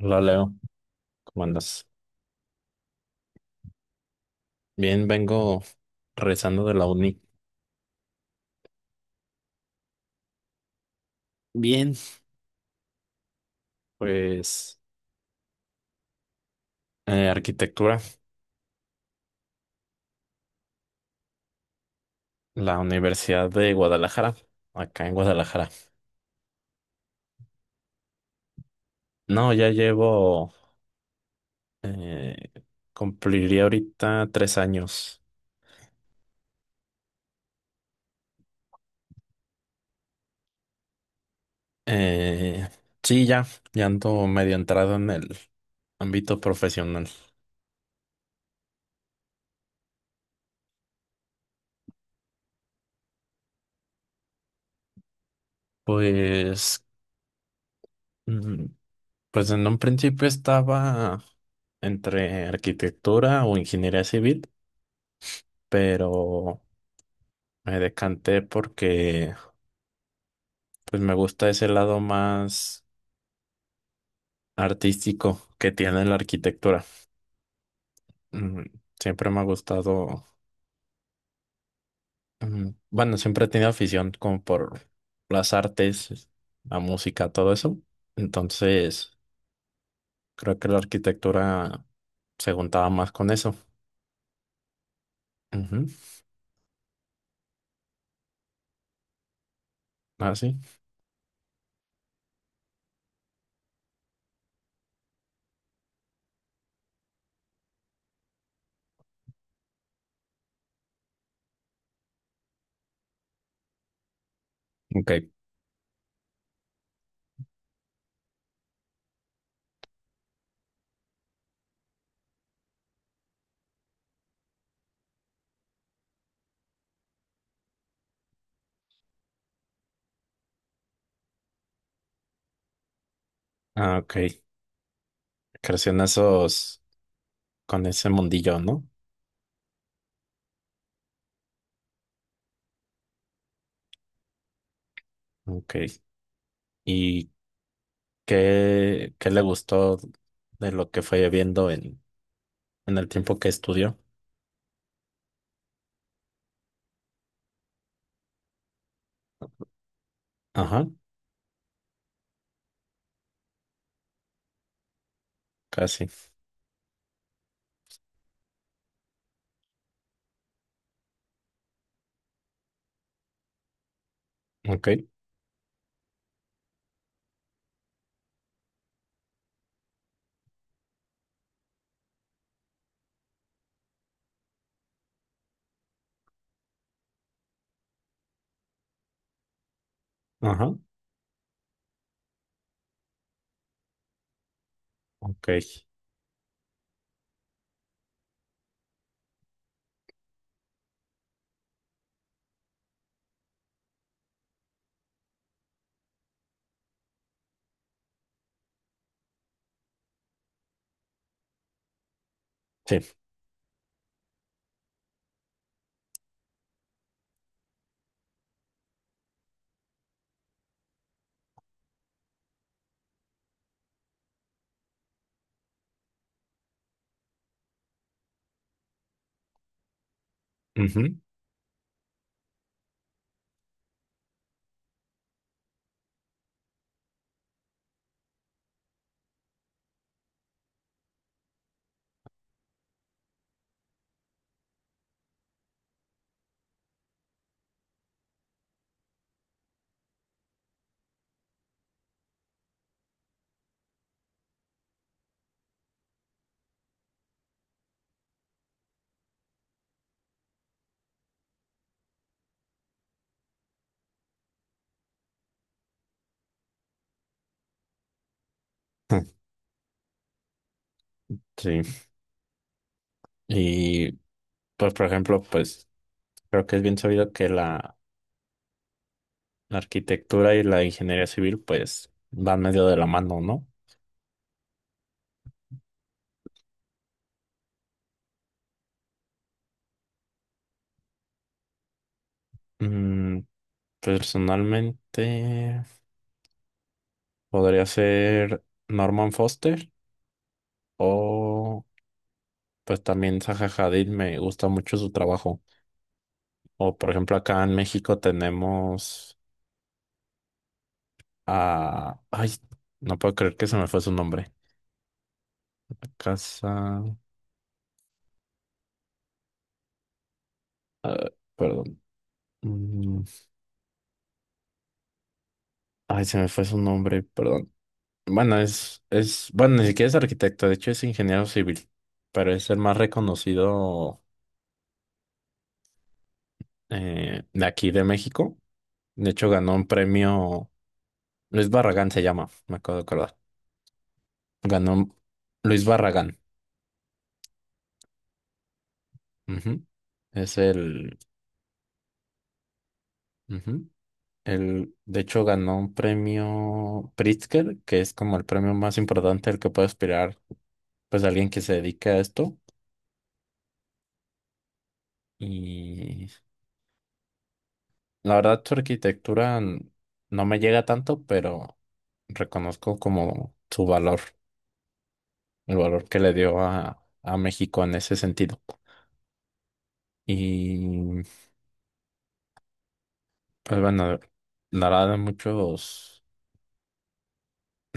Hola Leo, ¿cómo andas? Bien, vengo regresando de la uni. Bien, pues arquitectura, la Universidad de Guadalajara, acá en Guadalajara. No, ya llevo, eh, cumpliría ahorita 3 años. Eh, sí, ya, ya ando medio entrado en el ámbito profesional. Pues, mm, pues en un principio estaba entre arquitectura o ingeniería civil, pero me decanté porque pues me gusta ese lado más artístico que tiene la arquitectura. Mm. Siempre me ha gustado, bueno, siempre he tenido afición como por las artes, la música, todo eso. Entonces, creo que la arquitectura se juntaba más con eso. Ujú. Ah, sí. Ok. Ah, ok. Creció en esos, con ese mundillo, ¿no? Ok. ¿Y qué, qué le gustó de lo que fue viendo en el tiempo que estudió? Ajá, casi. Ok, ajá, ok. Sí. Ujú, ah, sí. Y pues, por ejemplo, pues creo que es bien sabido que la arquitectura y la ingeniería civil pues van medio de la mano, ¿no? Mm, personalmente podría ser Norman Foster o pues también Zaha Hadid, me gusta mucho su trabajo. O por ejemplo, acá en México tenemos a... Ay, no puedo creer que se me fue su nombre. Casa... ah, perdón. Mm, Ay, se me fue su nombre, perdón. Bueno, es, bueno, ni siquiera es arquitecto, de hecho es ingeniero civil, pero es el más reconocido de aquí de México. De hecho, ganó un premio... Luis Barragán se llama, me acabo de acordar. Ganó Luis Barragán. Ujú. Es el... ujú. Él, de hecho, ganó un premio Pritzker, que es como el premio más importante al que puede aspirar, pues, alguien que se dedique a esto. Y la verdad, no me llega tanto, pero reconozco como su valor, el valor que le dio a México en ese sentido. Y, pues, bueno, dará de muchos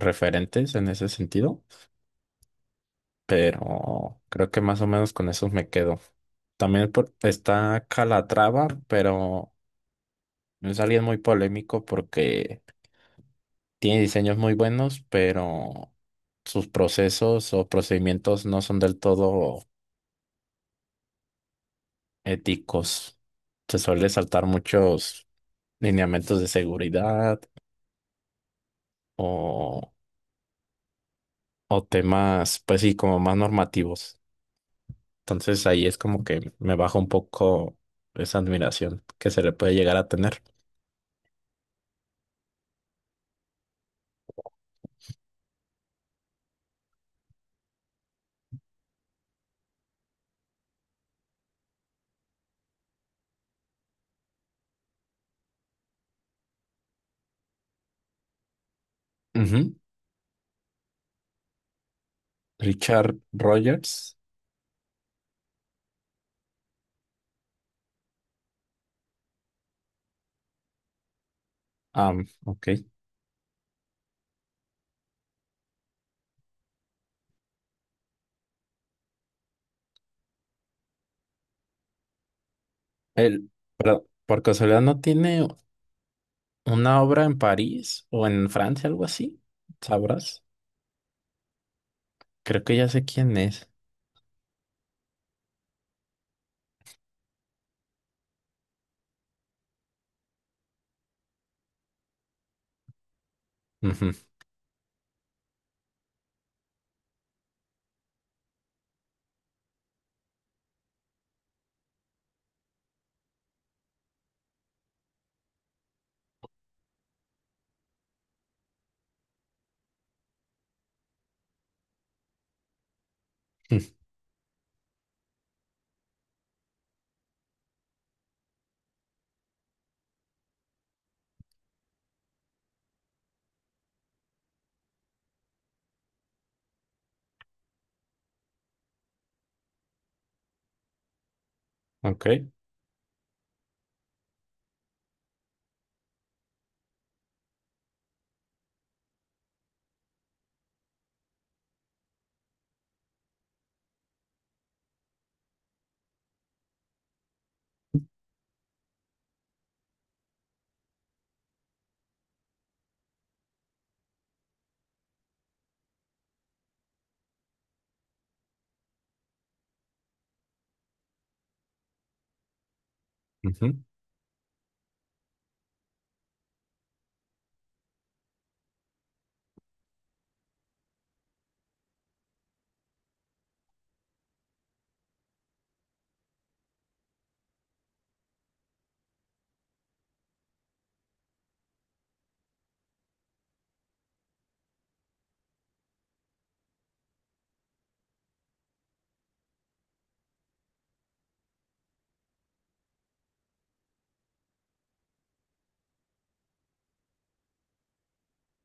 referentes en ese sentido. Pero creo que más o menos con esos me quedo. También está Calatrava, pero es alguien muy polémico porque tiene diseños muy buenos, pero sus procesos o procedimientos no son del todo éticos. Se suele saltar muchos lineamientos de seguridad o, o temas, pues sí, como más normativos. Entonces ahí es como que me baja un poco esa admiración que se le puede llegar a tener. Richard Rogers. Ah, ok. Él, pero, por casualidad, ¿no tiene una obra en París o en Francia, algo así? ¿Sabrás? Creo que ya sé quién es. Ujú. Ok. Ujú.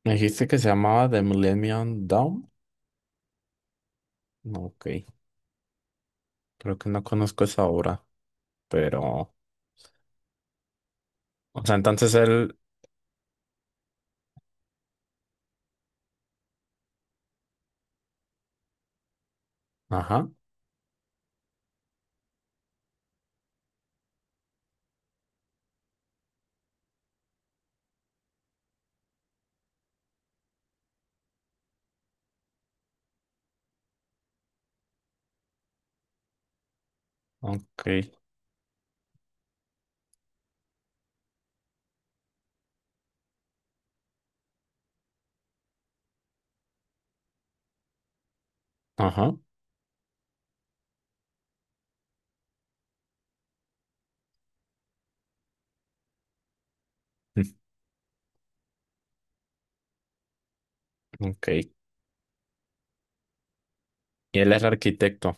Me dijiste que se llamaba The Millennium Dome. Ok. Creo que no conozco esa obra, pero... O sea, entonces él... Ajá. Ok. Ajá. Ok. Y él es arquitecto.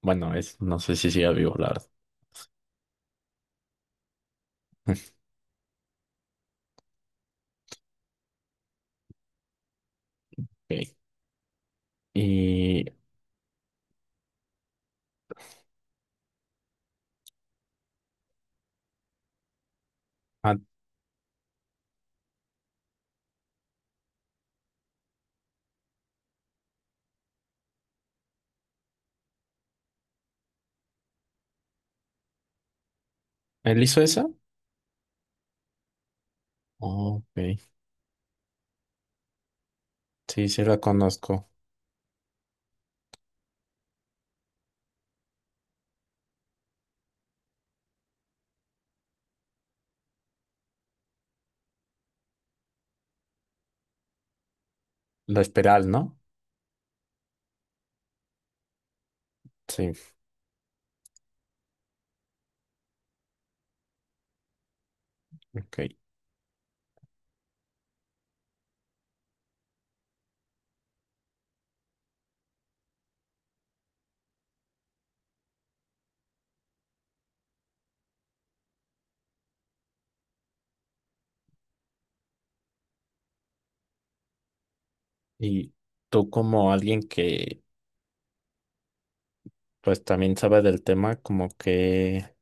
Bueno, es... No sé si sigue vivo, la verdad. Ok. Y... ah, ¿él hizo esa? Ok. Sí, sí la conozco. La Esperal, ¿no? Sí, ok. Y tú como alguien que pues también sabe del tema, como qué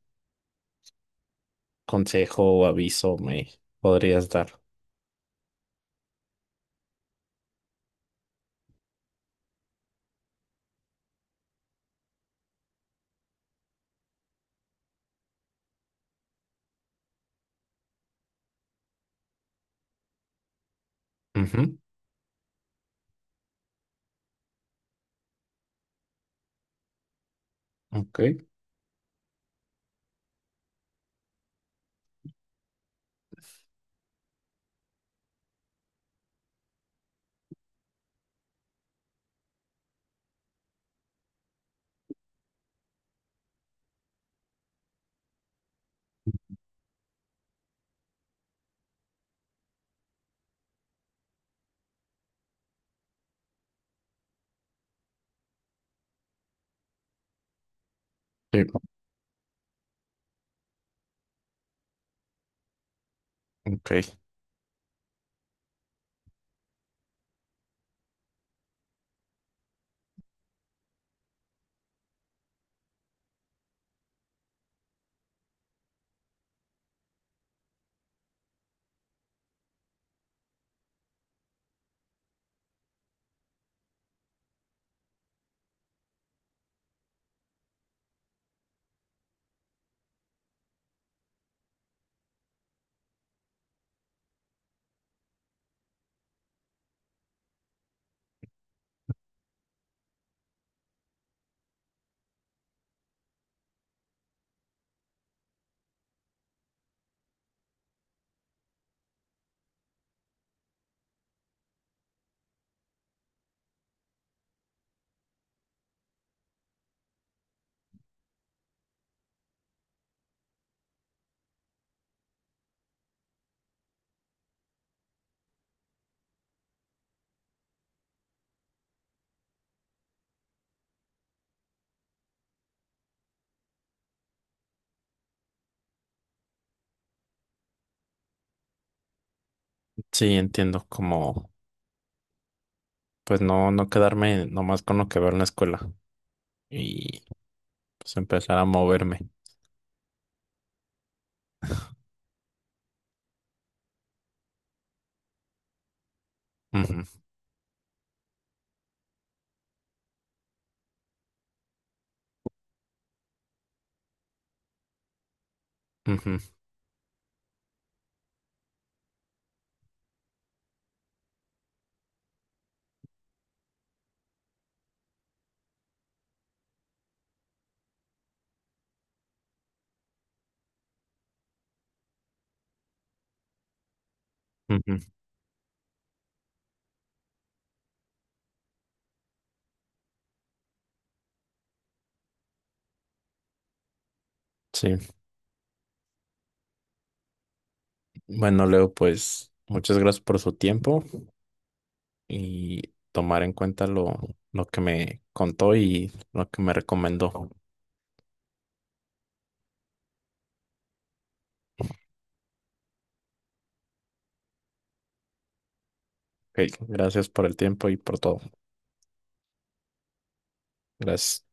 consejo o aviso me podrías dar. Ujú, ok. Sí, ok. Sí, entiendo. Como pues no, no quedarme nomás con lo que veo en la escuela y pues empezar a moverme. Ujú, ujú, ujú. Sí. Bueno, Leo, pues muchas gracias por su tiempo y tomar en cuenta lo que me contó y lo que me recomendó. Ok, gracias por el tiempo y por todo. Gracias.